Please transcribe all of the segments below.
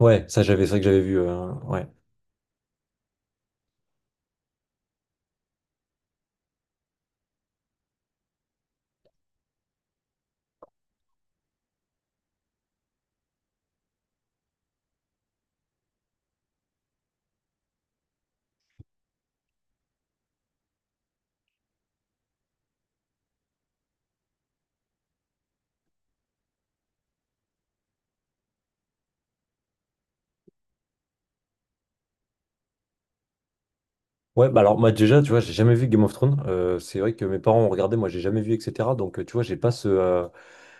Ouais, ça j'avais, c'est vrai que j'avais vu, ouais. Ouais, bah alors moi déjà, tu vois, j'ai jamais vu Game of Thrones. C'est vrai que mes parents ont regardé, moi j'ai jamais vu, etc. Donc tu vois, j'ai pas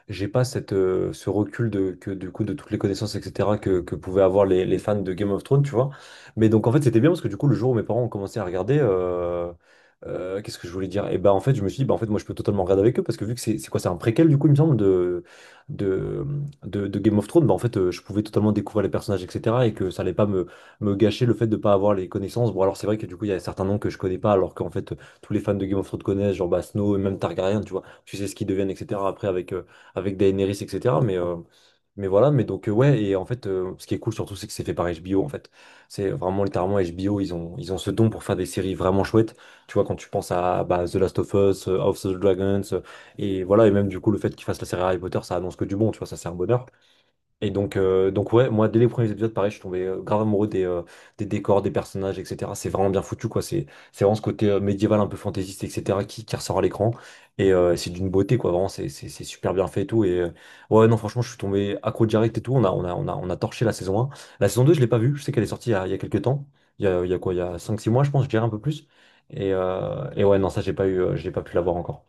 j'ai pas ce recul du coup, de toutes les connaissances, etc., que pouvaient avoir les fans de Game of Thrones, tu vois. Mais donc, en fait, c'était bien parce que du coup, le jour où mes parents ont commencé à regarder, qu'est-ce que je voulais dire? Et bah, en fait, je me suis dit, bah, en fait, moi, je peux totalement regarder avec eux parce que vu que c'est quoi, c'est un préquel, du coup, il me semble, de, de, de, de Game of Thrones, bah, en fait, je pouvais totalement découvrir les personnages, etc., et que ça allait pas me gâcher le fait de pas avoir les connaissances. Bon, alors, c'est vrai que du coup, il y a certains noms que je connais pas, alors qu'en fait, tous les fans de Game of Thrones connaissent, genre bah, Snow et même Targaryen, tu vois, tu sais ce qu'ils deviennent, etc., après, avec Daenerys, etc. Mais voilà, mais donc, ouais, et en fait, ce qui est cool surtout, c'est que c'est fait par HBO, en fait. C'est vraiment littéralement HBO, ils ont ce don pour faire des séries vraiment chouettes. Tu vois, quand tu penses à bah, The Last of Us, House of the Dragons, et voilà, et même du coup, le fait qu'ils fassent la série Harry Potter, ça annonce que du bon, tu vois, ça c'est un bonheur. Et donc ouais, moi, dès les premiers épisodes, pareil, je suis tombé grave amoureux des décors, des personnages, etc. C'est vraiment bien foutu, quoi. C'est vraiment ce côté médiéval, un peu fantaisiste, etc., qui ressort à l'écran. Et c'est d'une beauté, quoi. Vraiment, c'est super bien fait et tout. Et ouais, non, franchement, je suis tombé accro direct et tout. On a torché la saison 1. La saison 2, je l'ai pas vue. Je sais qu'elle est sortie il y a quelques temps. Il y a quoi? Il y a cinq six mois, je pense, je dirais un peu plus. Et ouais, non, ça, j'ai pas pu la voir encore.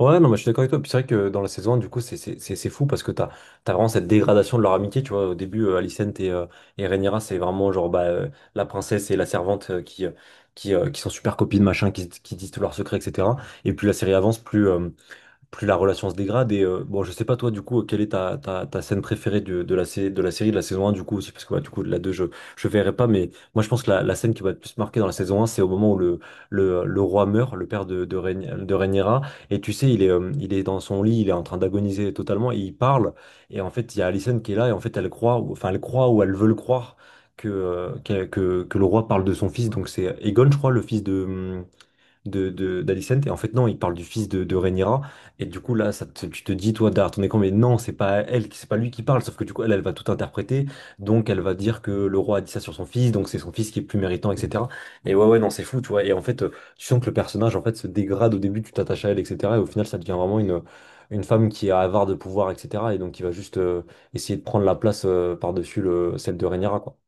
Ouais, non, mais je suis d'accord avec toi. Puis c'est vrai que dans la saison 1, du coup, c'est fou parce que t'as vraiment cette dégradation de leur amitié. Tu vois, au début, Alicent et Rhaenyra, c'est vraiment genre bah, la princesse et la servante qui sont super copines, qui disent tous leurs secrets, etc. Et plus la série avance, plus la relation se dégrade. Et bon, je sais pas toi, du coup, quelle est ta scène préférée de la série, de la saison 1, du coup, aussi, parce que ouais, du coup, de la deux, je verrai pas, mais moi, je pense que la scène qui va le plus marquer dans la saison 1, c'est au moment où le roi meurt, le père de de Rhaenyra, et tu sais, il est dans son lit, il est en train d'agoniser totalement, et il parle, et en fait, il y a Alicent qui est là, et en fait, enfin, elle croit ou elle veut le croire. Que le roi parle de son fils, donc c'est Aegon, je crois, le fils hum, d'Alicent. Et en fait, non, il parle du fils de Rhaenyra. Et du coup, là, tu te dis, toi, d'art, on est con, mais non, c'est pas lui qui parle. Sauf que du coup, elle, elle va tout interpréter. Donc, elle va dire que le roi a dit ça sur son fils. Donc, c'est son fils qui est plus méritant, etc. Et ouais, non, c'est fou, tu vois. Et en fait, tu sens que le personnage, en fait, se dégrade au début, tu t'attaches à elle, etc. Et au final, ça devient vraiment une femme qui est avare de pouvoir, etc. Et donc, qui va juste essayer de prendre la place par-dessus celle de Rhaenyra, quoi.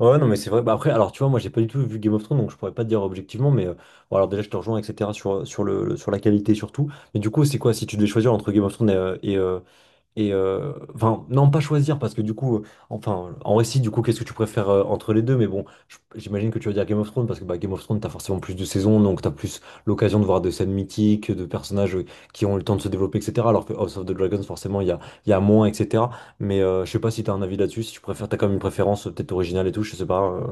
Ouais, non, mais c'est vrai. Bah, après, alors tu vois, moi j'ai pas du tout vu Game of Thrones, donc je pourrais pas te dire objectivement, mais bon, alors déjà je te rejoins, etc., sur la qualité surtout. Mais du coup, c'est quoi si tu devais choisir entre Game of Thrones et enfin, non, pas choisir, parce que du coup, enfin, en récit, du coup, qu'est-ce que tu préfères entre les deux? Mais bon, j'imagine que tu vas dire Game of Thrones, parce que bah, Game of Thrones, t'as forcément plus de saisons, donc t'as plus l'occasion de voir des scènes mythiques, de personnages qui ont le temps de se développer, etc. Alors que House of the Dragons, forcément, il y a moins, etc. Mais je sais pas si t'as un avis là-dessus, si tu préfères, t'as quand même une préférence peut-être originale et tout, je sais pas.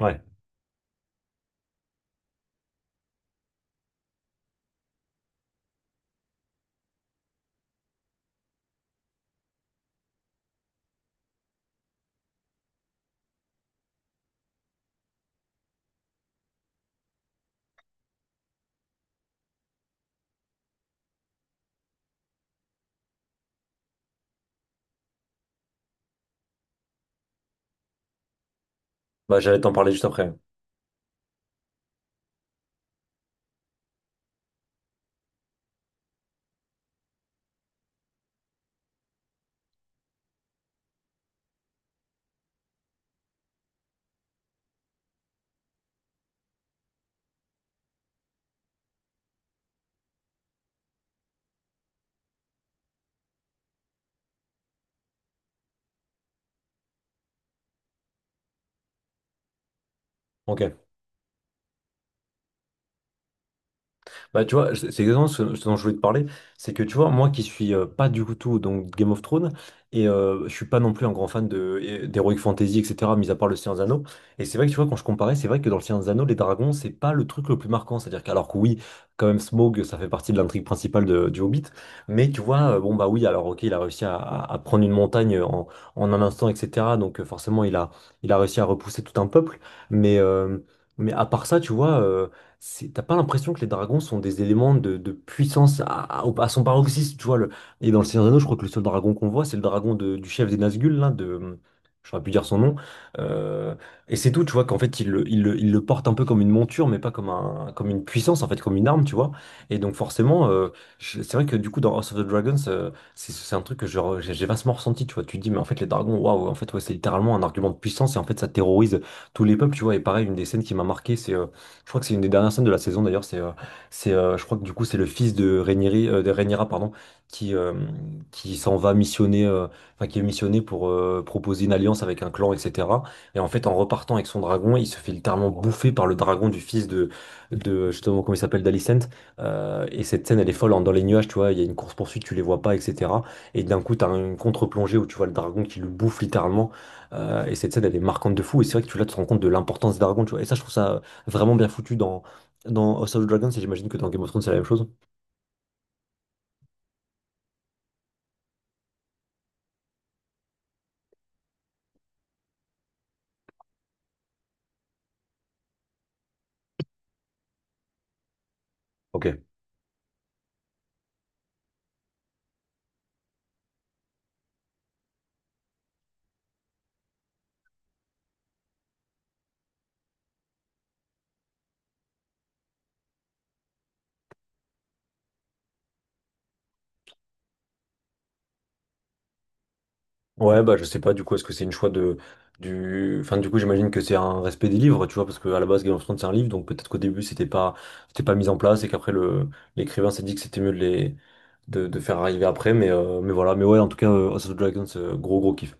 Ouais, bah j'allais t'en parler juste après. Ok. Bah, tu vois, c'est exactement ce dont je voulais te parler. C'est que, tu vois, moi qui suis pas du tout donc Game of Thrones, et je suis pas non plus un grand fan d'Heroic Fantasy, etc., mis à part le Seigneur des Anneaux. Et c'est vrai que, tu vois, quand je comparais, c'est vrai que dans le Seigneur des Anneaux, les dragons, c'est pas le truc le plus marquant. C'est-à-dire qu'alors que oui, quand même, Smaug, ça fait partie de l'intrigue principale du Hobbit. Mais tu vois, bon, bah oui, alors ok, il a réussi à prendre une montagne en un instant, etc. Donc forcément, il a réussi à repousser tout un peuple. Mais, euh, mais à part ça, tu vois t'as pas l'impression que les dragons sont des éléments de puissance à son paroxysme, tu vois. Le... Et dans le Seigneur des Anneaux, je crois que le seul dragon qu'on voit, c'est le dragon du chef des Nazgûl, là, de... J'aurais pu dire son nom. Euh, et c'est tout, tu vois, qu'en fait, il le porte un peu comme une monture, mais pas comme comme une puissance, en fait, comme une arme, tu vois. Et donc, forcément, c'est vrai que du coup, dans House of the Dragons, c'est un truc que je re- j'ai vastement ressenti, tu vois. Tu te dis, mais en fait, les dragons, waouh, en fait, ouais, c'est littéralement un argument de puissance, et en fait, ça terrorise tous les peuples, tu vois. Et pareil, une des scènes qui m'a marqué, c'est. Je crois que c'est une des dernières scènes de la saison d'ailleurs. Je crois que du coup c'est le fils de Rhaenyra, pardon, qui, euh, qui s'en va missionner, enfin qui est missionné pour proposer une alliance avec un clan, etc. Et en fait, en repartant avec son dragon, il se fait littéralement bouffer par le dragon du fils de justement comment il s'appelle, d'Alicent. Et cette scène, elle est folle, hein. Dans les nuages, tu vois, il y a une course poursuite, tu les vois pas, etc. Et d'un coup, t'as une contre-plongée où tu vois le dragon qui le bouffe littéralement. Et cette scène, elle est marquante de fou. Et c'est vrai que tu là, tu te rends compte de l'importance des dragons, tu vois. Et ça, je trouve ça vraiment bien foutu dans House of the Dragons et j'imagine que dans Game of Thrones c'est la même chose. Ok. Ouais, bah je sais pas du coup, est-ce que c'est une choix de du. Enfin, du coup, j'imagine que c'est un respect des livres, tu vois, parce que à la base Game of Thrones c'est un livre, donc peut-être qu'au début c'était pas mis en place et qu'après le l'écrivain s'est dit que c'était mieux de faire arriver après, mais voilà, mais ouais, en tout cas, House of the Dragons, gros gros kiff.